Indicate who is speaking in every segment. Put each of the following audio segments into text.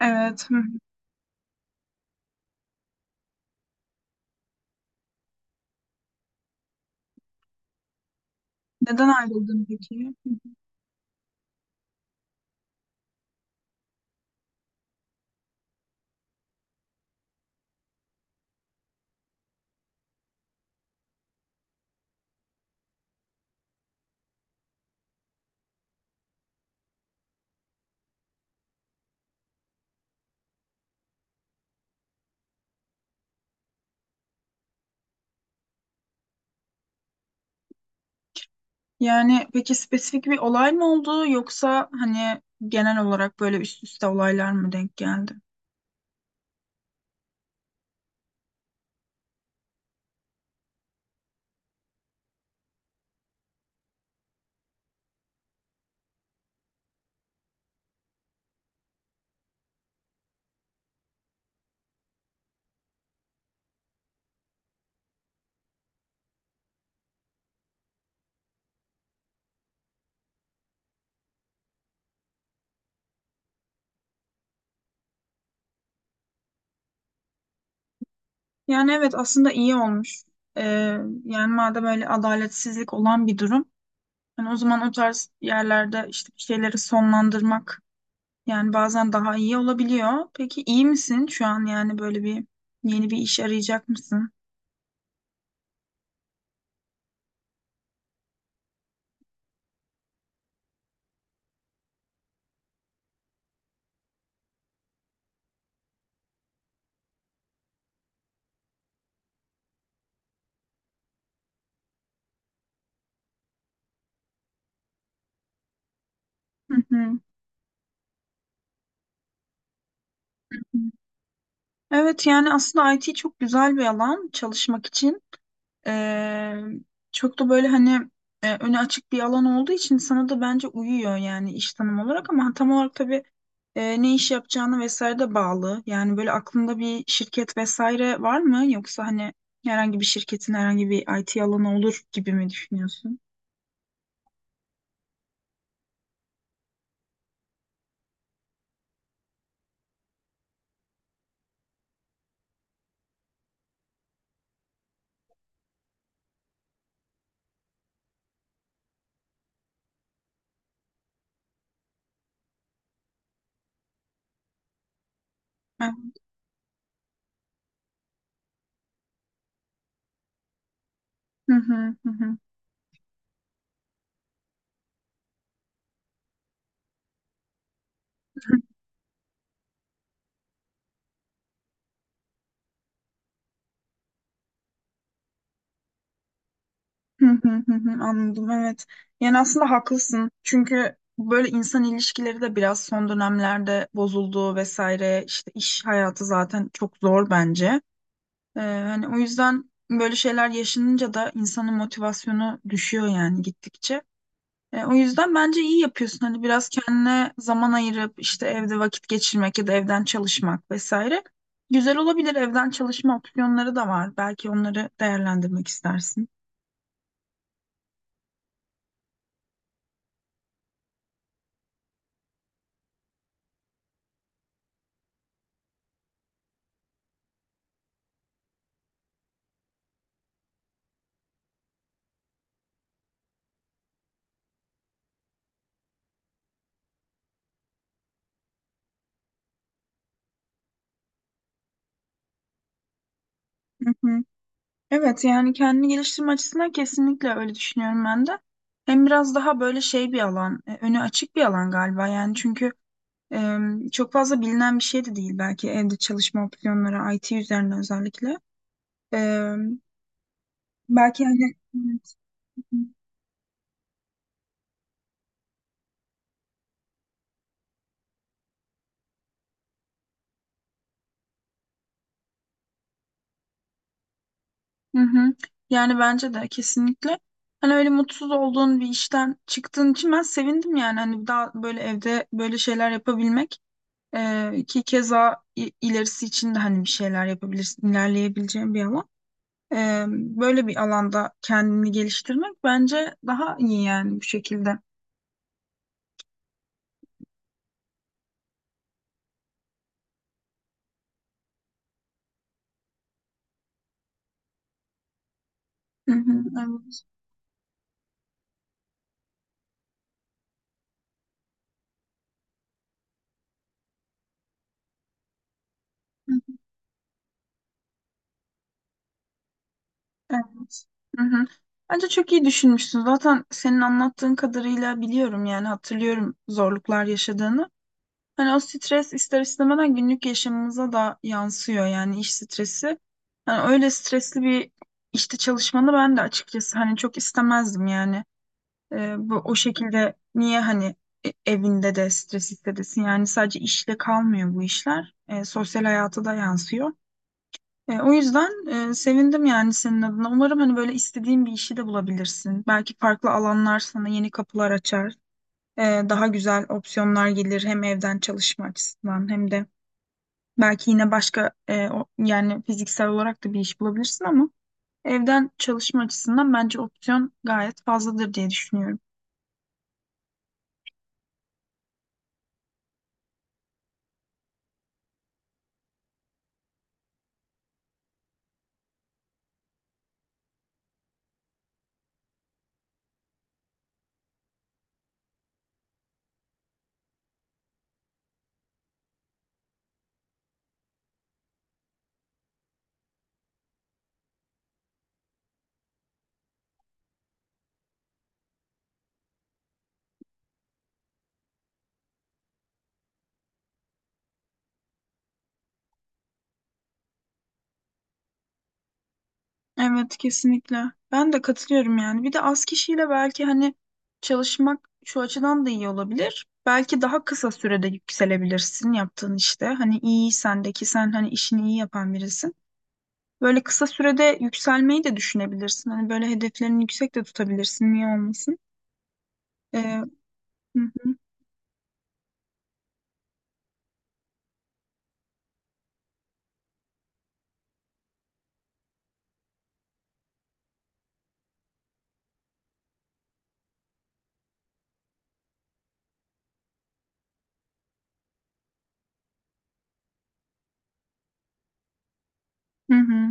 Speaker 1: Evet, hı hı. Neden ayrıldın peki? Hı hı. Yani peki spesifik bir olay mı oldu yoksa hani genel olarak böyle üst üste olaylar mı denk geldi? Yani evet, aslında iyi olmuş. Ee, Yani madem öyle adaletsizlik olan bir durum, hani o zaman o tarz yerlerde işte bir şeyleri sonlandırmak yani bazen daha iyi olabiliyor. Peki iyi misin şu an, yani böyle bir yeni bir iş arayacak mısın? Hı hı. Evet, yani aslında IT çok güzel bir alan çalışmak için. Ee, Çok da böyle hani öne açık bir alan olduğu için sana da bence uyuyor yani iş tanım olarak, ama tam olarak tabii ne iş yapacağına vesaire de bağlı. Yani böyle aklında bir şirket vesaire var mı? Yoksa hani herhangi bir şirketin herhangi bir IT alanı olur gibi mi düşünüyorsun? Ha, hı hı hı, hı. Hı hı hı hı, anladım, evet. Yani aslında haklısın. Çünkü böyle insan ilişkileri de biraz son dönemlerde bozuldu vesaire. İşte iş hayatı zaten çok zor bence. Hani o yüzden böyle şeyler yaşanınca da insanın motivasyonu düşüyor yani gittikçe. O yüzden bence iyi yapıyorsun. Hani biraz kendine zaman ayırıp işte evde vakit geçirmek ya da evden çalışmak vesaire. Güzel olabilir, evden çalışma opsiyonları da var. Belki onları değerlendirmek istersin. Hı hı. Evet, yani kendini geliştirme açısından kesinlikle öyle düşünüyorum ben de. Hem biraz daha böyle şey bir alan, önü açık bir alan galiba yani, çünkü e, çok fazla bilinen bir şey de değil belki evde çalışma opsiyonları IT üzerine özellikle. E, Belki yani hı hı. Yani bence de kesinlikle hani öyle mutsuz olduğun bir işten çıktığın için ben sevindim, yani hani daha böyle evde böyle şeyler yapabilmek. Ki keza ilerisi için de hani bir şeyler yapabilirsin, ilerleyebileceğin bir alan. Böyle bir alanda kendini geliştirmek bence daha iyi yani bu şekilde. Hı hı, evet. Hı hı, evet. Hı hı. Bence çok iyi düşünmüşsün. Zaten senin anlattığın kadarıyla biliyorum yani, hatırlıyorum zorluklar yaşadığını. Hani o stres ister istemeden günlük yaşamımıza da yansıyor yani, iş stresi. Hani öyle stresli bir işte çalışmanı ben de açıkçası hani çok istemezdim yani. Bu, o şekilde niye hani evinde de stres hissedesin? Yani sadece işle kalmıyor bu işler. Sosyal hayata da yansıyor. O yüzden sevindim yani senin adına. Umarım hani böyle istediğin bir işi de bulabilirsin. Belki farklı alanlar sana yeni kapılar açar. Ee, Daha güzel opsiyonlar gelir, hem evden çalışma açısından hem de belki yine başka yani fiziksel olarak da bir iş bulabilirsin, ama evden çalışma açısından bence opsiyon gayet fazladır diye düşünüyorum. Evet, kesinlikle. Ben de katılıyorum yani. Bir de az kişiyle belki hani çalışmak şu açıdan da iyi olabilir. Belki daha kısa sürede yükselebilirsin yaptığın işte. Hani iyi sendeki, sen hani işini iyi yapan birisin. Böyle kısa sürede yükselmeyi de düşünebilirsin. Hani böyle hedeflerini yüksek de tutabilirsin. Niye olmasın? Ee, hı hı, hı.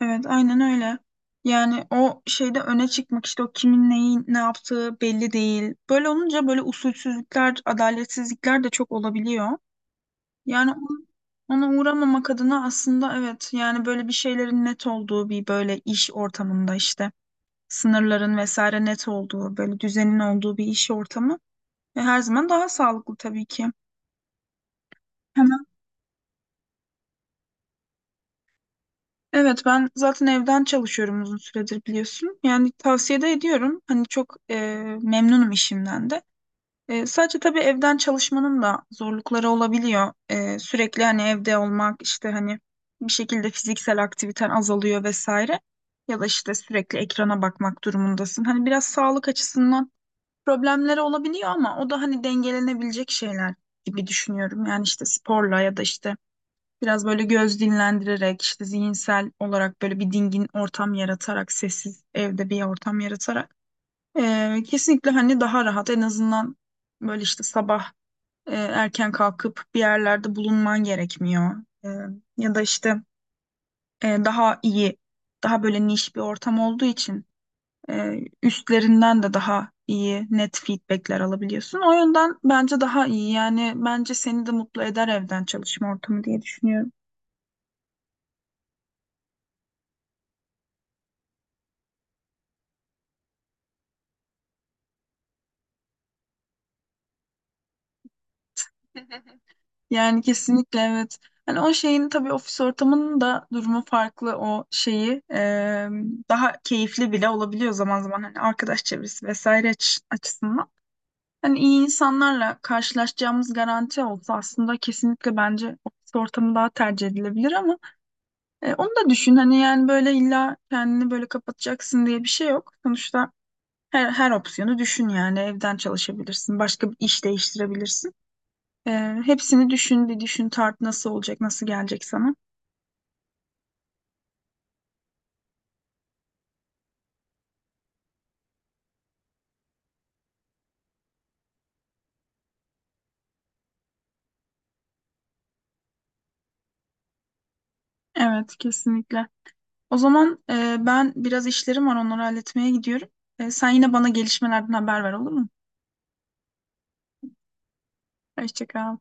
Speaker 1: Evet, aynen öyle. Yani o şeyde öne çıkmak, işte o kimin neyi ne yaptığı belli değil. Böyle olunca böyle usulsüzlükler, adaletsizlikler de çok olabiliyor. Yani ona uğramamak adına aslında, evet yani böyle bir şeylerin net olduğu bir böyle iş ortamında, işte sınırların vesaire net olduğu böyle düzenin olduğu bir iş ortamı ve her zaman daha sağlıklı tabii ki. Hemen. Evet, ben zaten evden çalışıyorum uzun süredir, biliyorsun. Yani tavsiye de ediyorum. Hani çok memnunum işimden de. Sadece tabii evden çalışmanın da zorlukları olabiliyor. Sürekli hani evde olmak, işte hani bir şekilde fiziksel aktiviten azalıyor vesaire. Ya da işte sürekli ekrana bakmak durumundasın. Hani biraz sağlık açısından problemleri olabiliyor, ama o da hani dengelenebilecek şeyler gibi düşünüyorum. Yani işte sporla ya da işte biraz böyle göz dinlendirerek, işte zihinsel olarak böyle bir dingin ortam yaratarak, sessiz evde bir ortam yaratarak. Kesinlikle hani daha rahat, en azından böyle işte sabah erken kalkıp bir yerlerde bulunman gerekmiyor. Ee, Ya da işte daha iyi, daha böyle niş bir ortam olduğu için e, üstlerinden de daha iyi net feedbackler alabiliyorsun. O yönden bence daha iyi, yani bence seni de mutlu eder evden çalışma ortamı diye düşünüyorum. Yani kesinlikle, evet. Hani o şeyin tabii, ofis ortamının da durumu farklı, o şeyi daha keyifli bile olabiliyor zaman zaman hani arkadaş çevresi vesaire açısından. Hani iyi insanlarla karşılaşacağımız garanti olsa aslında kesinlikle bence ofis ortamı daha tercih edilebilir, ama onu da düşün hani, yani böyle illa kendini böyle kapatacaksın diye bir şey yok. Sonuçta her opsiyonu düşün yani, evden çalışabilirsin, başka bir iş değiştirebilirsin. Hepsini düşün, bir düşün, tart nasıl olacak, nasıl gelecek sana. Evet, kesinlikle. O zaman ben biraz işlerim var, onları halletmeye gidiyorum. Sen yine bana gelişmelerden haber ver, olur mu? Hoşça kal.